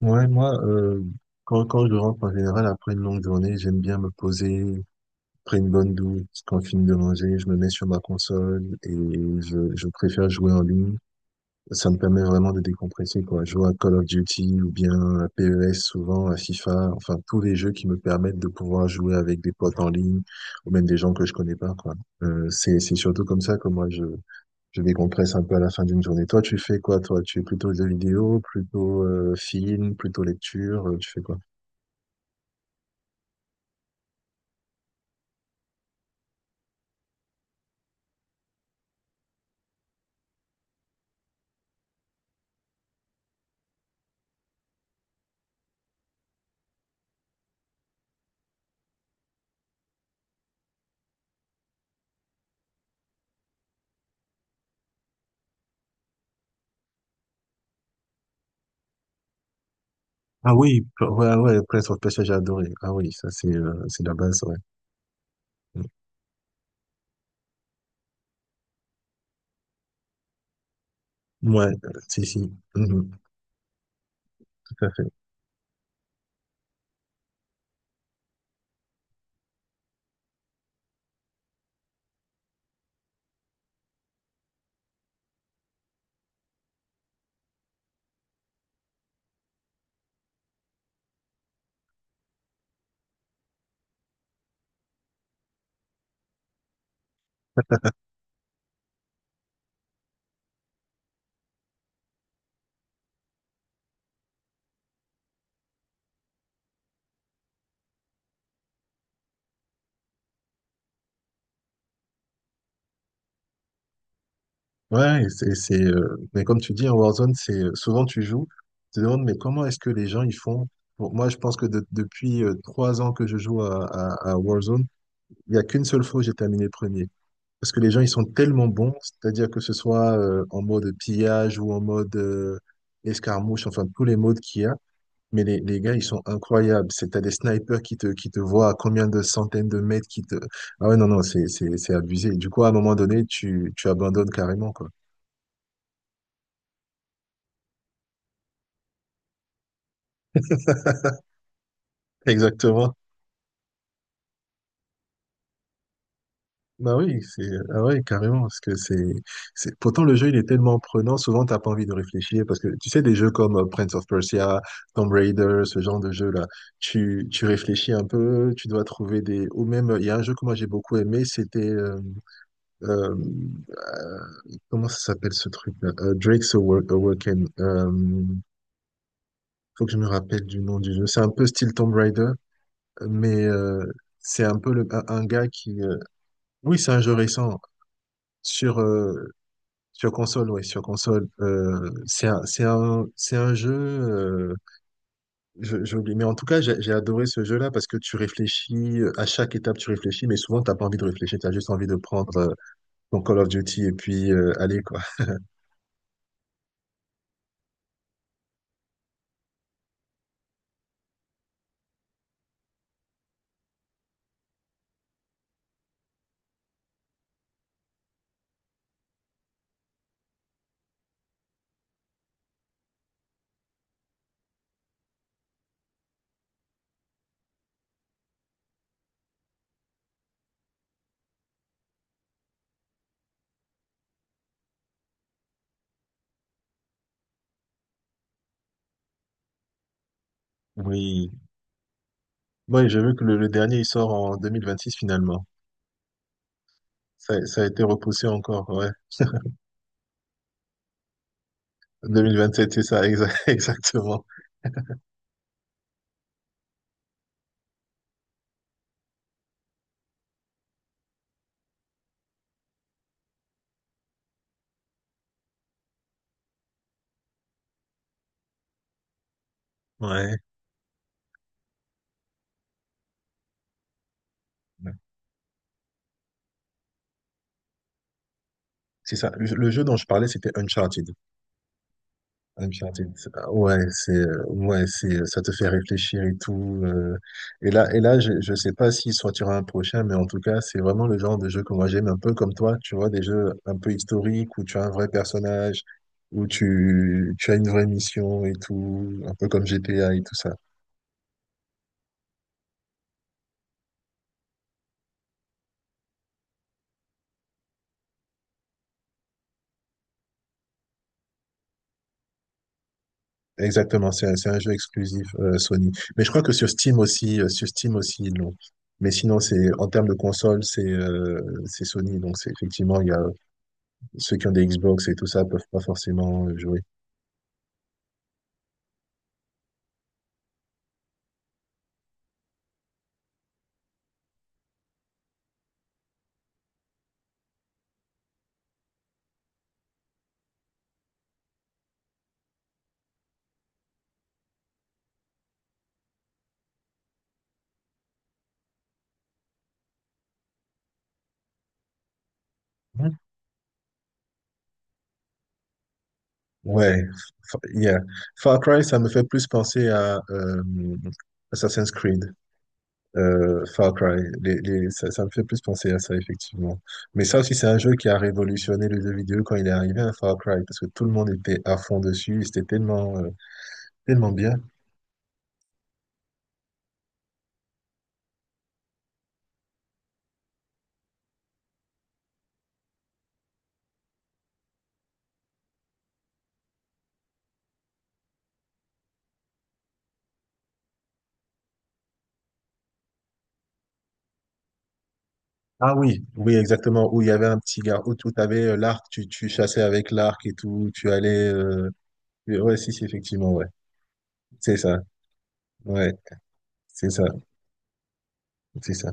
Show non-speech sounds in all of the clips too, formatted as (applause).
Ouais, moi, quand je rentre en général après une longue journée, j'aime bien me poser, après une bonne douche, quand je finis de manger, je me mets sur ma console et je préfère jouer en ligne. Ça me permet vraiment de décompresser, quoi. Jouer à Call of Duty ou bien à PES souvent, à FIFA, enfin tous les jeux qui me permettent de pouvoir jouer avec des potes en ligne ou même des gens que je connais pas, quoi. C'est surtout comme ça que moi je décompresse un peu à la fin d'une journée. Toi, tu fais quoi, toi? Tu es plutôt jeux vidéo, plutôt film, plutôt lecture, tu fais quoi? Ah oui, ouais, ouais, Prince of Persia, j'ai adoré. Ah oui, ça c'est la base, ouais. Mm. Ouais, si, si, mhm, tout à fait. Ouais, et mais comme tu dis, en Warzone, souvent tu joues, tu te demandes, mais comment est-ce que les gens, ils font? Bon, moi, je pense que depuis 3 ans que je joue à Warzone, il n'y a qu'une seule fois où j'ai terminé premier. Parce que les gens, ils sont tellement bons, c'est-à-dire que ce soit en mode pillage ou en mode escarmouche, enfin tous les modes qu'il y a. Mais les gars, ils sont incroyables. T'as des snipers qui qui te voient à combien de centaines de mètres qui te... Ah ouais, non, non, c'est abusé. Du coup, à un moment donné, tu abandonnes carrément, quoi. Exactement. Bah oui, c'est ah ouais, carrément, parce que c'est pourtant, le jeu il est tellement prenant, souvent t'as pas envie de réfléchir parce que tu sais des jeux comme Prince of Persia, Tomb Raider, ce genre de jeu là, tu réfléchis un peu, tu dois trouver des ou même il y a un jeu que moi j'ai beaucoup aimé, c'était euh, euh, comment ça s'appelle ce truc là? Drake's Awaken. Faut que je me rappelle du nom du jeu. C'est un peu style Tomb Raider, mais c'est un peu un gars qui oui, c'est un jeu récent sur euh, sur console. Oui, sur console. C'est un jeu, j'ai oublié. Mais en tout cas, j'ai adoré ce jeu-là parce que tu réfléchis, à chaque étape, tu réfléchis, mais souvent, t'as pas envie de réfléchir, tu as juste envie de prendre ton Call of Duty et puis aller, quoi. Oui. Moi, j'ai vu que le dernier, il sort en 2026, finalement. Ça a été repoussé encore, ouais. 2027, c'est ça, (laughs) exactement. Ouais. C'est ça. Le jeu dont je parlais, c'était Uncharted. Uncharted, ah ouais, ouais, ça te fait réfléchir et tout. Et là, je sais pas s'il sortira un prochain, mais en tout cas, c'est vraiment le genre de jeu que moi j'aime, un peu comme toi, tu vois, des jeux un peu historiques où tu as un vrai personnage, où tu as une vraie mission et tout, un peu comme GTA et tout ça. Exactement, c'est un jeu exclusif Sony. Mais je crois que sur Steam aussi, ils l'ont. Mais sinon, c'est en termes de console, c'est Sony, donc c'est effectivement, il y a ceux qui ont des Xbox et tout ça peuvent pas forcément jouer. Mhm. Ouais, yeah. Far Cry, ça me fait plus penser à Assassin's Creed. Far Cry, ça, ça me fait plus penser à ça, effectivement. Mais ça aussi, c'est un jeu qui a révolutionné le jeu vidéo quand il est arrivé à Far Cry, parce que tout le monde était à fond dessus, et c'était tellement, tellement bien. Ah oui, oui, exactement, où il y avait un petit gars, où tu avais l'arc, tu chassais avec l'arc et tout, tu allais... Ouais, si, si, effectivement, ouais. C'est ça, ouais. C'est ça, c'est ça.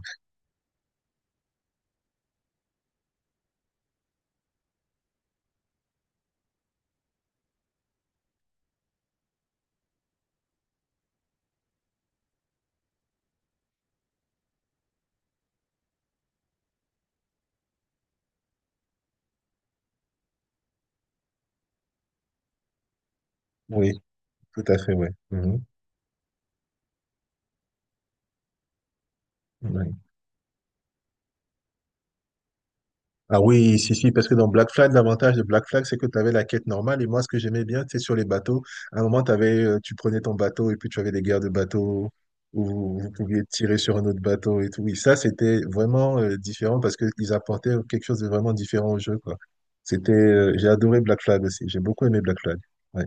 Oui, tout à fait, ouais. Mhm. Ouais. Ah oui, si, si, parce que dans Black Flag, l'avantage de Black Flag, c'est que tu avais la quête normale. Et moi, ce que j'aimais bien, c'est sur les bateaux. À un moment, tu prenais ton bateau et puis tu avais des guerres de bateaux où vous vous pouviez tirer sur un autre bateau et tout. Oui, ça, c'était vraiment différent parce qu'ils apportaient quelque chose de vraiment différent au jeu, quoi. J'ai adoré Black Flag aussi. J'ai beaucoup aimé Black Flag. Ouais.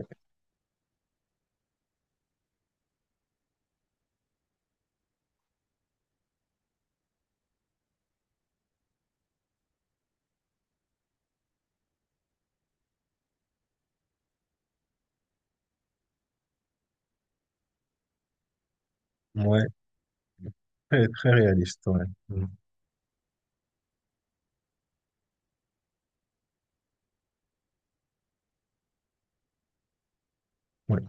Ouais. Très, très réaliste, ouais. Mm. Ouais,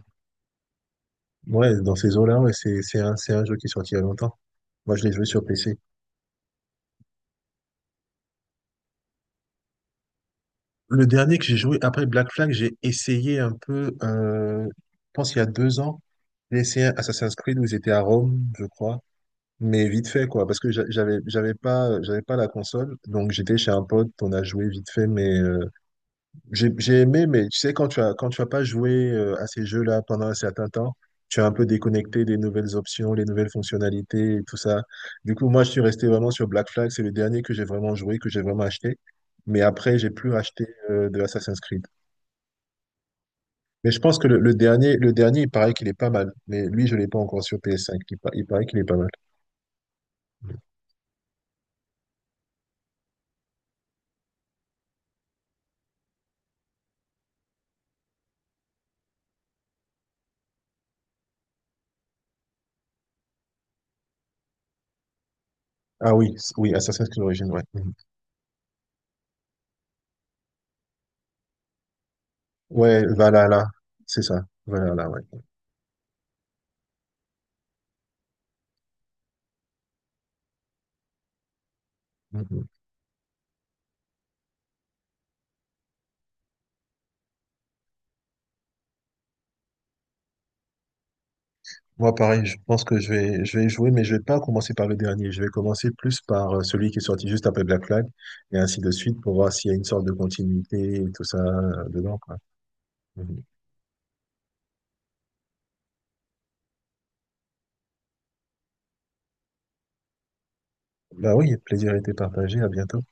ouais, dans ces eaux-là, ouais, c'est un jeu qui est sorti il y a longtemps. Moi, je l'ai joué sur PC. Le dernier que j'ai joué après Black Flag, j'ai essayé un peu, je pense il y a 2 ans, j'ai essayé Assassin's Creed où ils étaient à Rome, je crois, mais vite fait, quoi, parce que j'avais pas la console, donc j'étais chez un pote, on a joué vite fait, mais j'ai aimé, mais tu sais, quand tu as pas joué à ces jeux-là pendant un certain temps, tu as un peu déconnecté des nouvelles options, les nouvelles fonctionnalités et tout ça. Du coup, moi, je suis resté vraiment sur Black Flag. C'est le dernier que j'ai vraiment joué, que j'ai vraiment acheté. Mais après, j'ai plus acheté de Assassin's Creed. Mais je pense que le dernier, il paraît qu'il est pas mal. Mais lui, je l'ai pas encore sur PS5. Il paraît qu'il est pas mal. Mm. Ah oui, oui, Assassin's Creed Origins, ouais. Mhm. Ouais, Valhalla, c'est ça. Valhalla, ouais. Mhm. Moi, pareil, je pense que je vais jouer, mais je vais pas commencer par le dernier. Je vais commencer plus par celui qui est sorti juste après Black Flag, et ainsi de suite, pour voir s'il y a une sorte de continuité et tout ça dedans, quoi. Mhm. Bah oui, plaisir été partagé. À bientôt.